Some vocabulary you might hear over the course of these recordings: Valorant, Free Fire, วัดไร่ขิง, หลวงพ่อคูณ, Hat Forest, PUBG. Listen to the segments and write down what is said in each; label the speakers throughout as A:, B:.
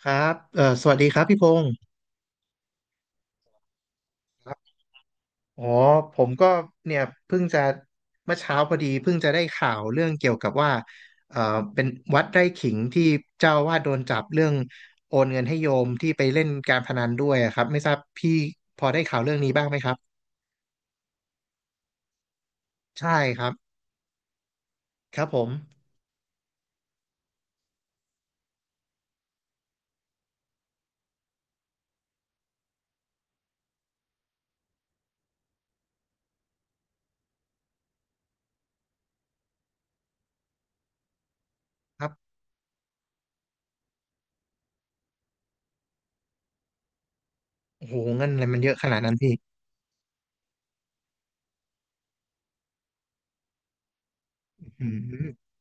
A: ครับสวัสดีครับพี่พงศ์ครับอ๋อผมก็เนี่ยเพิ่งจะเมื่อเช้าพอดีเพิ่งจะได้ข่าวเรื่องเกี่ยวกับว่าเอ่อเป็นวัดไร่ขิงที่เจ้าอาวาสโดนจับเรื่องโอนเงินให้โยมที่ไปเล่นการพนันด้วยอะครับไม่ทราบพี่พอได้ข่าวเรื่องนี้บ้างไหมครับใช่ครับครับผมครับโอ้โหเงินอะไรมันเยอะขนาดนั้นพี่อืม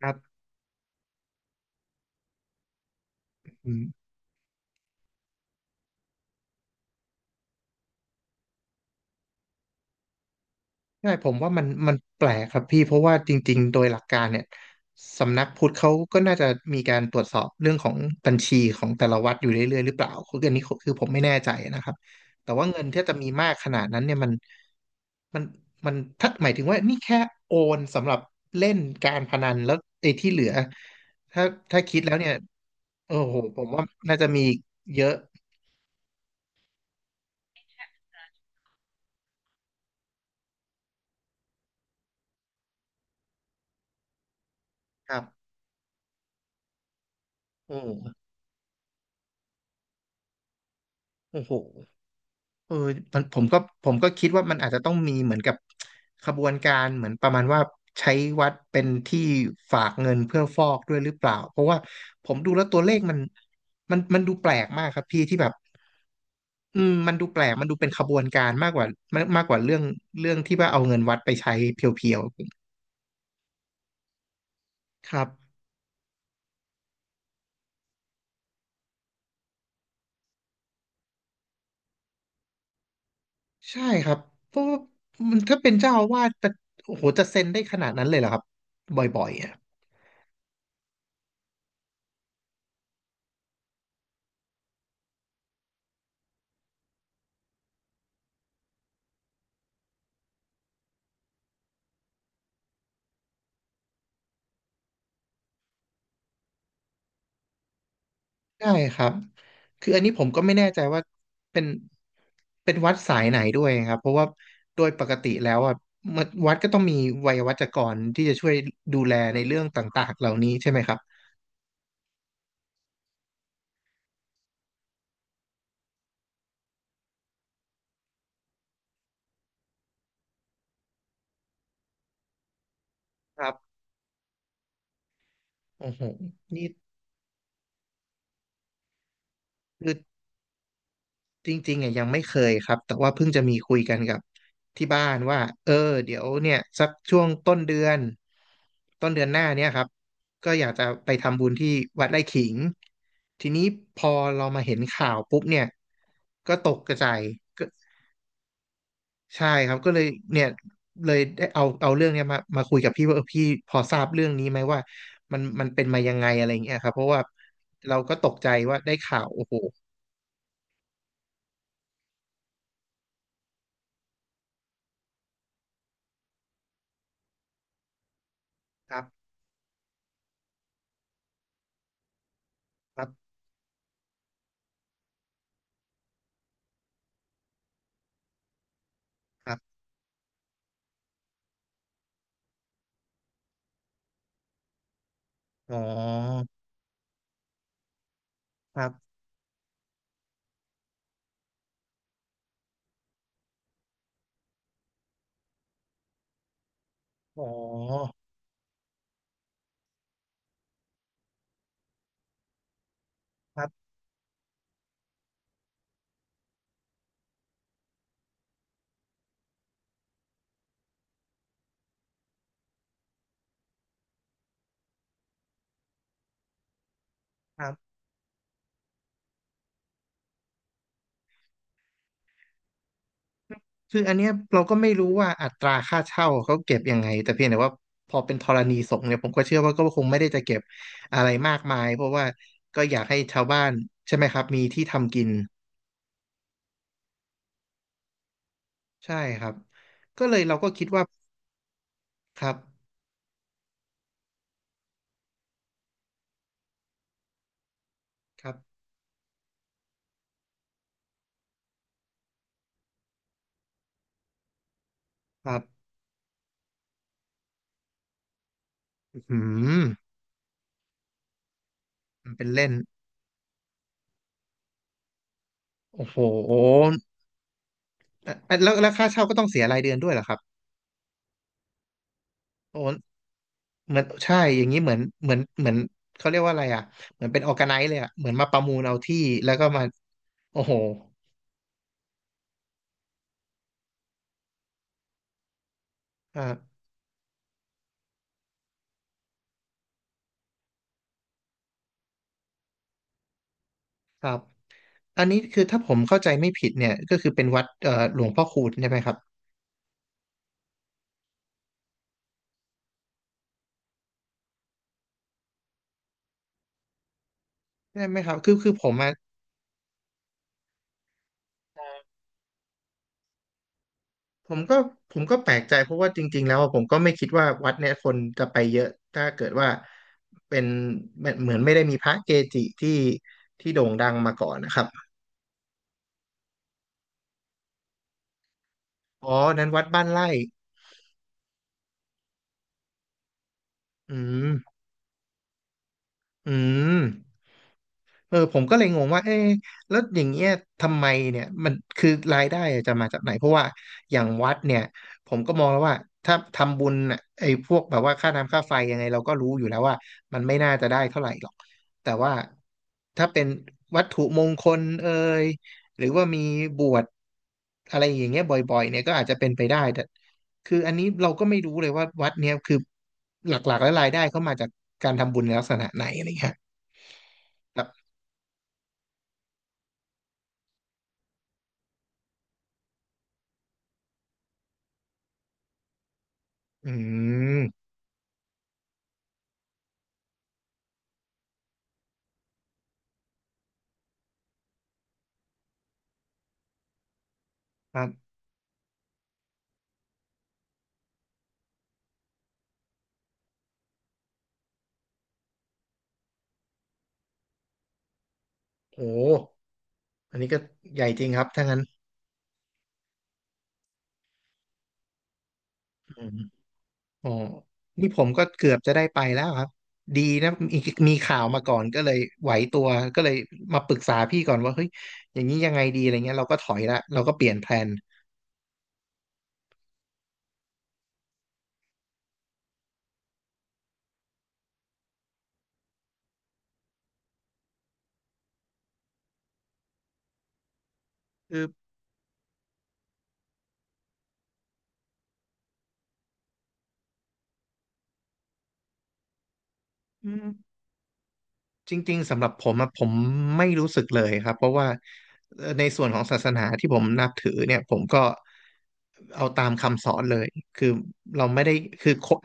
A: ครับ ใช่ผมว่ามันแปลกครับพี่เพราะว่าจริงๆโดยหลักการเนี่ยสำนักพุทธเขาก็น่าจะมีการตรวจสอบเรื่องของบัญชีของแต่ละวัดอยู่เรื่อยๆหรือเปล่าคืออันนี้คือผมไม่แน่ใจนะครับแต่ว่าเงินที่จะมีมากขนาดนั้นเนี่ยมันมันมันถ้าหมายถึงว่านี่แค่โอนสำหรับเล่นการพนันแล้วไอ้ที่เหลือถ้าถ้าคิดแล้วเนี่ยโอ้โหผมว่าน่าจะมีเยอะครับโอ้โหโอ้โห เออมันผมก็คิดว่ามันอาจจะต้องมีเหมือนกับขบวนการเหมือนประมาณว่าใช้วัดเป็นที่ฝากเงินเพื่อฟอกด้วยหรือเปล่าเพราะว่าผมดูแล้วตัวเลขมันมันดูแปลกมากครับพี่ที่แบบอืมมันดูแปลกมันดูเป็นขบวนการมากกว่ามากมากกว่าเรื่องที่ว่าเอาเงินวัดไปใช้เพียวๆครับใช่ครับเพราะว่ามันถ้าเป็นเจ้าอาวาสจะโอ้โหจะเซ็นได้ขนาดนั้นเลยเหรอครับบ่อยๆอ่ะ ได้ครับ คืออันนี้ผมก็ไม่แน่ใจว่าเป็นเป็นวัดสายไหนด้วยครับ เพราะว่าโดยปกติแล้วอ่ะมันวัดก็ต้องมีไวยาวัจกรที่จะช่วยดูแลในเรื่องต่างๆ เหล่านี้ใช่ไหมครับครับโอ้โหนี่คือ จริงๆอ่ะยังไม่เคยครับแต่ว่าเพิ่งจะมีคุยกันกับที่บ้านว่าเออเดี๋ยวเนี่ยสักช่วงต้นเดือนหน้าเนี่ยครับก็อยากจะไปทำบุญที่วัดไร่ขิงทีนี้พอเรามาเห็นข่าวปุ๊บเนี่ยก็ตกกระใจายก็ใช่ครับก็เลยเนี่ยเลยได้เอาเรื่องเนี้ยมาคุยกับพี่ว่าเออพี่พอทราบเรื่องนี้ไหมว่ามันเป็นมายังไงอะไรอย่างเงี้ยครับเพราะว่าเราก็ตกใจว่าได้ข่าวโอ้โหครับครับครับอ๋อครับ อ๋อครับครับคืออันเนี้ยเราก็ไม่รู้ว่าอัตราค่าเช่าเขาเก็บยังไงแต่เพียงแต่ว่าพอเป็นธรณีสงฆ์เนี่ยผมก็เชื่อว่าก็คงไม่ได้จะเก็บอะไรมากมายเพราะว่าก็อยากให้ชาวบ้านใช่ไหมครับมีที่ทำกินใช่ครับก็เลยเราก็คิดว่าครับครับครับอืมมันเป็นเล่นโอ้โหอ่ะแล้วค่าเช่าก็ต้องเสียรายเดือนด้วยเหรอครับโอ้ เหมือนใช่อย่างนี้เหมือนเขาเรียกว่าอะไรอ่ะเหมือนเป็นออร์แกไนซ์เลยอ่ะเหมือนมาประมูลเอาที่แล้วก็มาโอ้โหอ่าครับอันนี้คือถ้าผมเข้าใจไม่ผิดเนี่ยก็คือเป็นวัดหลวงพ่อคูณใช่ไหมครับใช่ไหมครับคือผมอ่ะผมก็แปลกใจเพราะว่าจริงๆแล้วอะผมก็ไม่คิดว่าวัดเนี่ยคนจะไปเยอะถ้าเกิดว่าเป็นเหมือนไม่ได้มีพระเกจิที่โด่งดังมาก่อนนะครับอ๋อนั้นวัดบ้านไร่อืมอืม เออผมก็เลยงงว่าเอ๊ะแล้วอย่างเงี้ยทำไมเนี่ยมันคือรายได้อะจะมาจากไหนเพราะว่าอย่างวัดเนี่ยผมก็มองแล้วว่าถ้าทำบุญน่ะไอ้พวกแบบว่าค่าน้ำค่าไฟยังไงเราก็รู้อยู่แล้วว่ามันไม่น่าจะได้เท่าไหร่หรอกแต่ว่าถ้าเป็นวัตถุมงคลเอ่ยหรือว่ามีบวชอะไรอย่างเงี้ยบ่อยๆเนี่ยก็อาจจะเป็นไปได้แต่คืออันนี้เราก็ไม่รู้เลยว่าวัดเนี่ยคือหลักๆแล้วรายได้เข้ามาจากการทำบุญในลักษณะไหนอะไรเงี้ยครับอืม ครับโอ้อันนี้ก็ใหญ่จริงครับถ้างั้นอืมอ๋อนี่ผมก็เกือบจะได้ไปแล้วครับดีนะมีข่าวมาก่อนก็เลยไหวตัวก็เลยมาปรึกษาพี่ก่อนว่าเฮ้ยอย่างนี้ยังไงดีอะไรเงี้ยเราก็ถอยละเราก็เปลี่ยนแพลนคืออืมจริงๆสำหรับผมอะผมไม่รู้สึกเลยครับเพราะว่าในส่วนของศาสนาที่ผมนับถือเนี่ยผมก็เอาตามคำสอนเลยคือเราไม่ได้คือคบ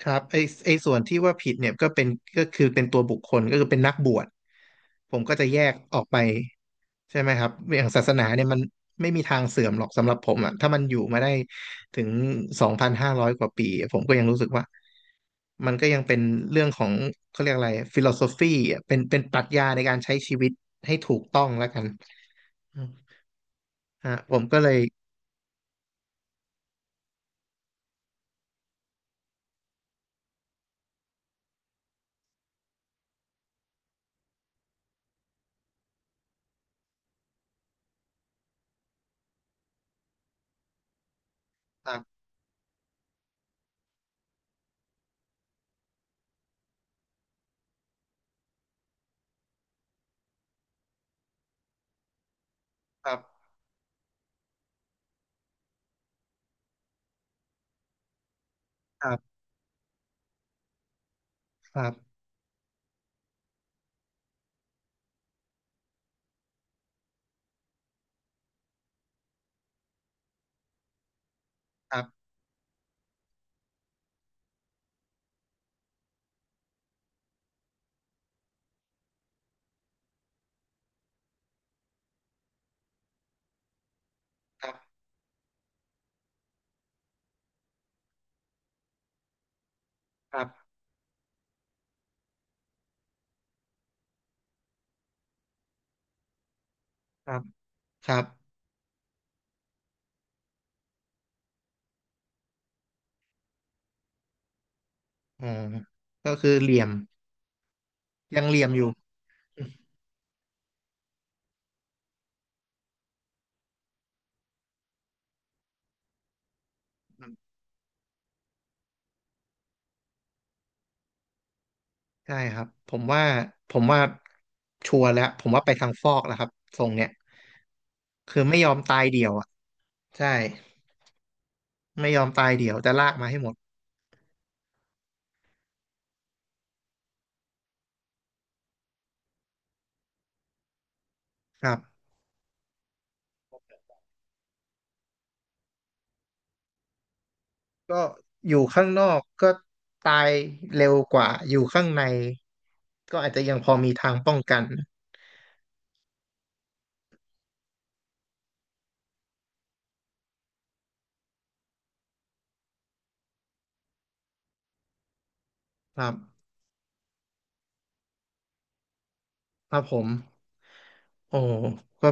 A: ครับไอส่วนที่ว่าผิดเนี่ยก็เป็นก็คือเป็นตัวบุคคลก็คือเป็นนักบวชผมก็จะแยกออกไปใช่ไหมครับอย่างศาสนาเนี่ยมันไม่มีทางเสื่อมหรอกสำหรับผมอ่ะถ้ามันอยู่มาได้ถึง2,500 กว่าปีผมก็ยังรู้สึกว่ามันก็ยังเป็นเรื่องของเขาเรียกอะไรฟิโลโซฟีเป็นปรัชญาในการใช้ชีวิตให้ถูกต้องแล้วกันอืมฮะผมก็เลยครับครับครับครับครับครับครับครับครับ อ๋อก็คือเหลี่ยมยังเหลี่ยมอยู่ใช่ครับผมว่าชัวร์แล้วผมว่าไปทางฟอกแล้วครับทรงเนี้ยคือไม่ยอมตายเดี่ยวอ่ะใช่ไม่ยอมตายเดี่ยวจะลากมาให้หมดครับก็อยู่ข้างนอกก็ตายเร็วกว่าอยู่ข้างในก็อาจจะยังพอมีทางป้องกันครับ ครับผม โอ้ก็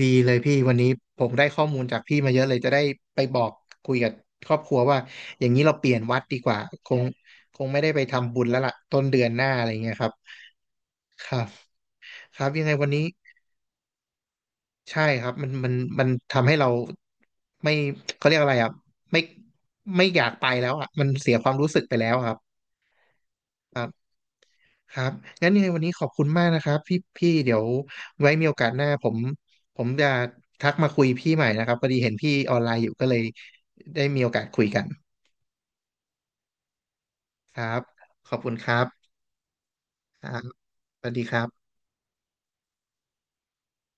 A: ดีเลยพี่วันนี้ผมได้ข้อมูลจากพี่มาเยอะเลยจะได้ไปบอกคุยกับครอบครัวว่าอย่างนี้เราเปลี่ยนวัดดีกว่าคงคงไม่ได้ไปทำบุญแล้วล่ะต้นเดือนหน้าอะไรเงี้ยครับครับ ครับยังไงวันนี้ใช่ครับมันทำให้เราไม่เขาเรียกอะไรอ่ะไม่ไม่อยากไปแล้วอ่ะมันเสียความรู้สึกไปแล้วอะครับ ครับงั้นยังไงวันนี้ขอบคุณมากนะครับพี่เดี๋ยวไว้มีโอกาสหน้าผมจะทักมาคุยพี่ใหม่นะครับพอดีเห็นพี่ออนไลน์อยู่ก็เลยได้มีโอกาสคุยกันครับขอบคุณครับครับสวัสดีครับ